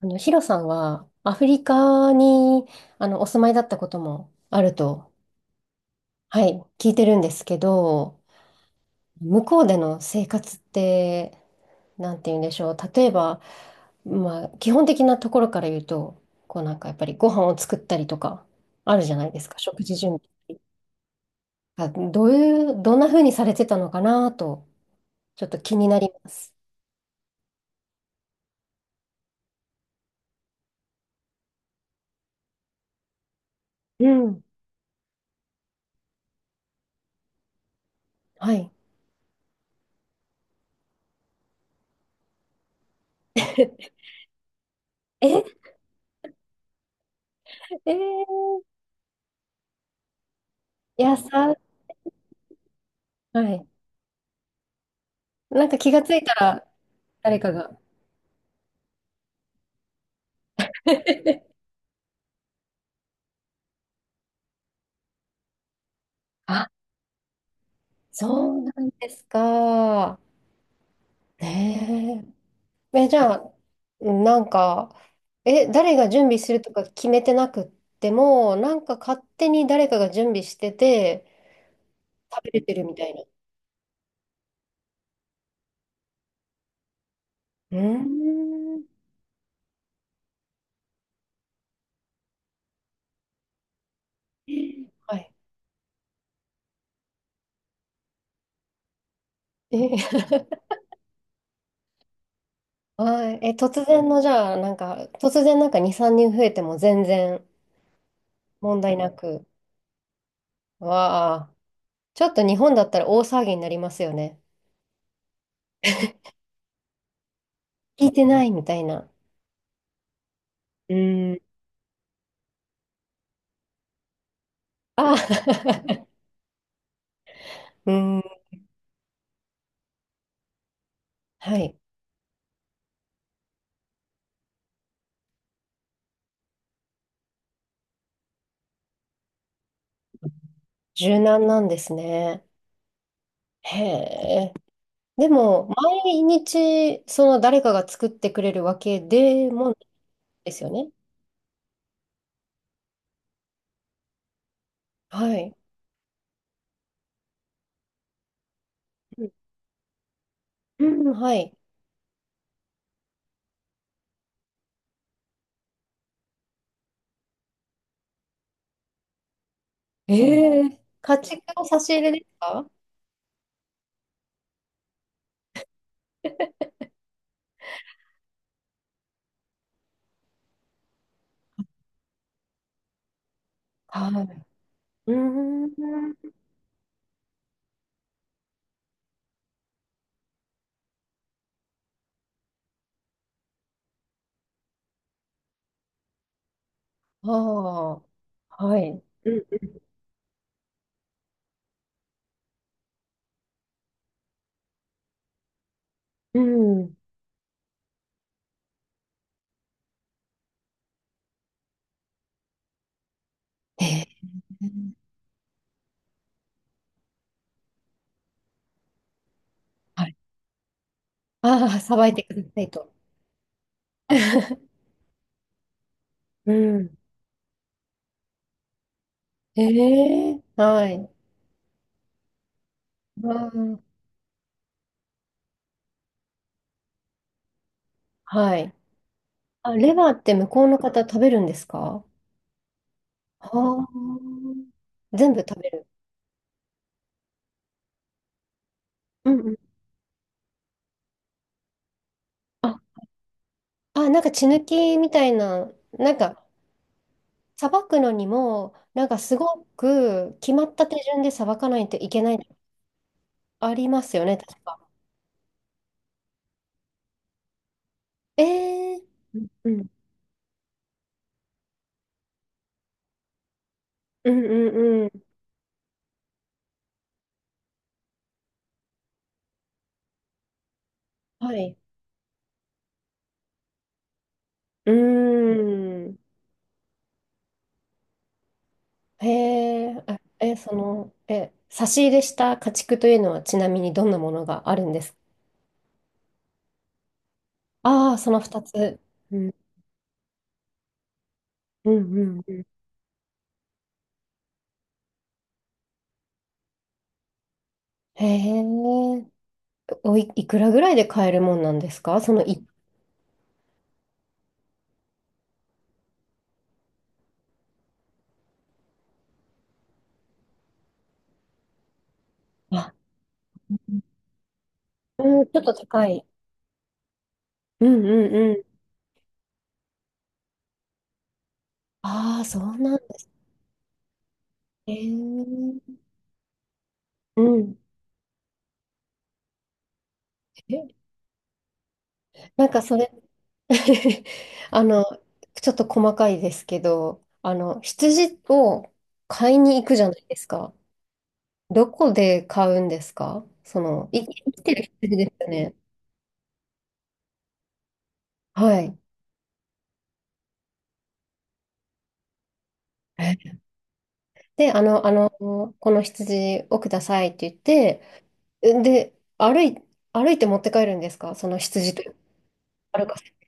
ヒロさんはアフリカにお住まいだったこともあると、はい、聞いてるんですけど、向こうでの生活って、なんて言うんでしょう。例えば、まあ、基本的なところから言うと、こうやっぱりご飯を作ったりとか、あるじゃないですか、食事準備。あ、どういう、どんな風にされてたのかなと、ちょっと気になります。うん。はい。え、えー、いやさ、はい。なんか気がついたら、誰かが。あ、そうなんですか。ねえ。え、じゃあ、なんか、え、誰が準備するとか決めてなくっても、なんか勝手に誰かが準備してて、食べれてるみたいな。うーん。はい。え、はい。え、突然の、じゃあ、なんか、突然なんか2、3人増えても全然問題なく。わあ、ちょっと日本だったら大騒ぎになりますよね。聞いてないみたいな。うーん。あ、うん、はい。柔軟なんですね。へえ。でも、毎日、その誰かが作ってくれるわけでもないですよね。はい。うん、うんはい。ええ。家畜の差し入れですか？はい。うーん。ああ、はい。うん。うんええ。はい。ああ、さばいてくださいと。うん。ええ。はい。うん。はい。あ、レバーって向こうの方食べるんですか？ああ全部食べる。うんうん。あ、あ、なんか血抜きみたいな、さばくのにも、なんかすごく決まった手順でさばかないといけない、ありますよね、確か。えー、うんうんうんうん。はい。うーん。へえ、差し入れした家畜というのはちなみにどんなものがあるんですか？ああー、その2つ。うんうんうんへえ、おい、いくらぐらいで買えるもんなんですかそのい、あ、うん、ちょっと高い。うんうんうん。ああ、そうなんですね。うん。え、なんかそれ あの、ちょっと細かいですけど、あの、羊を買いに行くじゃないですか。どこで買うんですかその、い、生きてる羊ですよね。はい。えで、あの、この羊をくださいって言って、で、歩いて持って帰るんですかその羊というか歩かせ。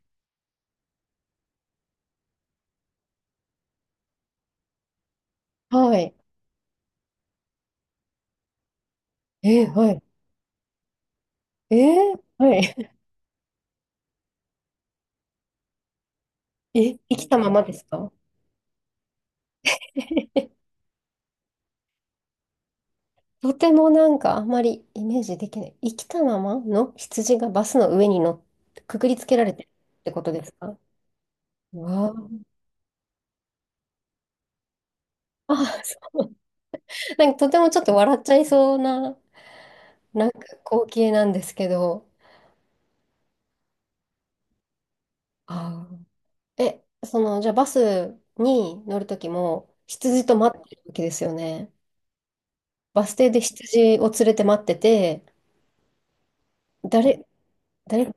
はい。え、はい。えー、はい。え、生きたままですか？ とてもなんかあんまりイメージできない。生きたままの羊がバスの上に乗っ、くくりつけられてるってことですか？うわあ、あそう、なんかとてもちょっと笑っちゃいそうな、なんか光景なんですけど。あーえ、その、じゃあバスに乗るときも羊と待ってるわけですよね。バス停で羊を連れて待ってて、誰、誰、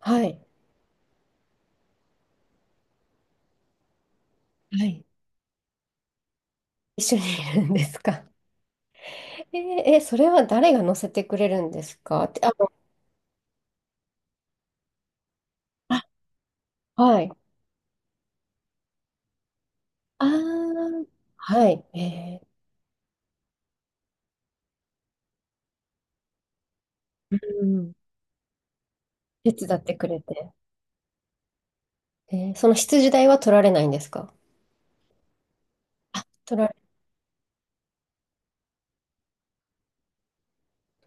はい、はい。一緒にいるんですか。えーえーそれは誰が乗せてくれるんですかって、あの、あ、はい。あーはい。えーうん。手伝ってくれて。えーその羊代は取られないんですか？取られ、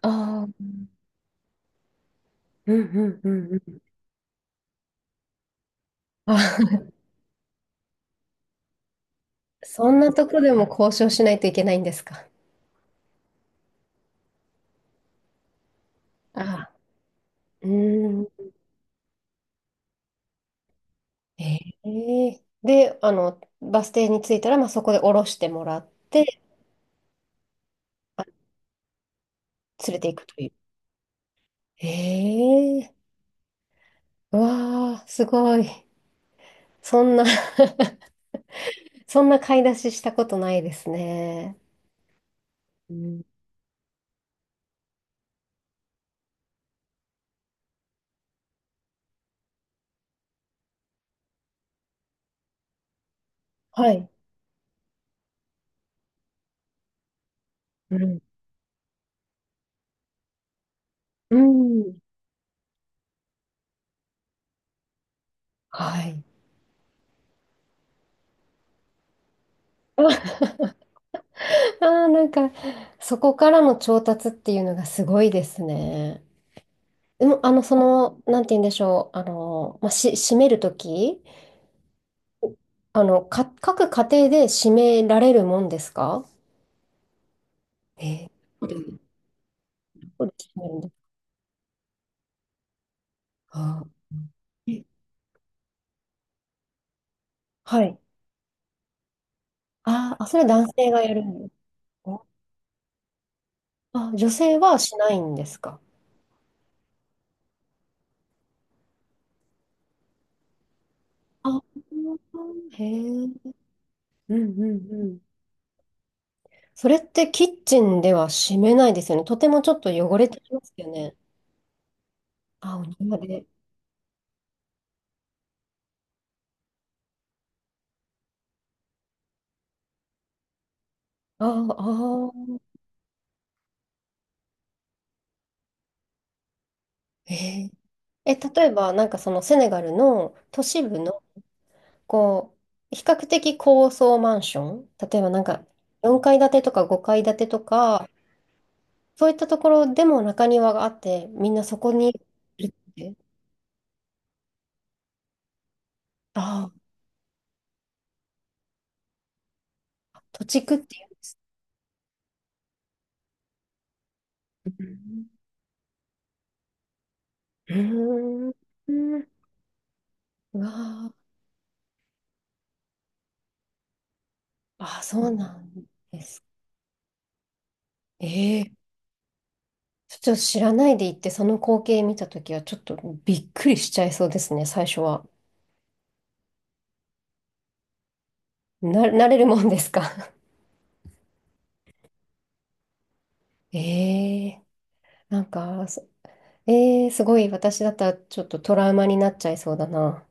ああ、うんうんうんうん。あ、そんなとこでも交渉しないといけないんですか。ああ、うーん。ええで、あの、バス停に着いたら、まあ、そこで降ろしてもらって、あ連れていくという。ええうわあ、すごい。そんな そんな買い出ししたことないですね。うん、はい。うん。うん。はい。ああ、なんか、そこからの調達っていうのがすごいですね。でも、なんて言うんでしょう、あの、まあ、し、閉めるときか、各家庭で締められるもんですか？えー、そうですねそうです締めるんだ。あーえはい。あーあ、それは男性がやるんですか？あ、女性はしないんですか？あへえ。うんうんうん。それってキッチンでは締めないですよね。とてもちょっと汚れてきますよね。あ、お庭で。ああ、あー、へえ。え、例えば、なんかそのセネガルの都市部のこう、比較的高層マンション、例えばなんか4階建てとか5階建てとか、そういったところでも中庭があって、みんなそこにいるって。ああ、土地区っていう。うーん。うんうわあ、ああ、そうなんです。ええちょっと知らないで行って、その光景見たときは、ちょっとびっくりしちゃいそうですね、最初は。な、慣れるもんですか？ ええなんか、えー、すごい、私だったらちょっとトラウマになっちゃいそうだな。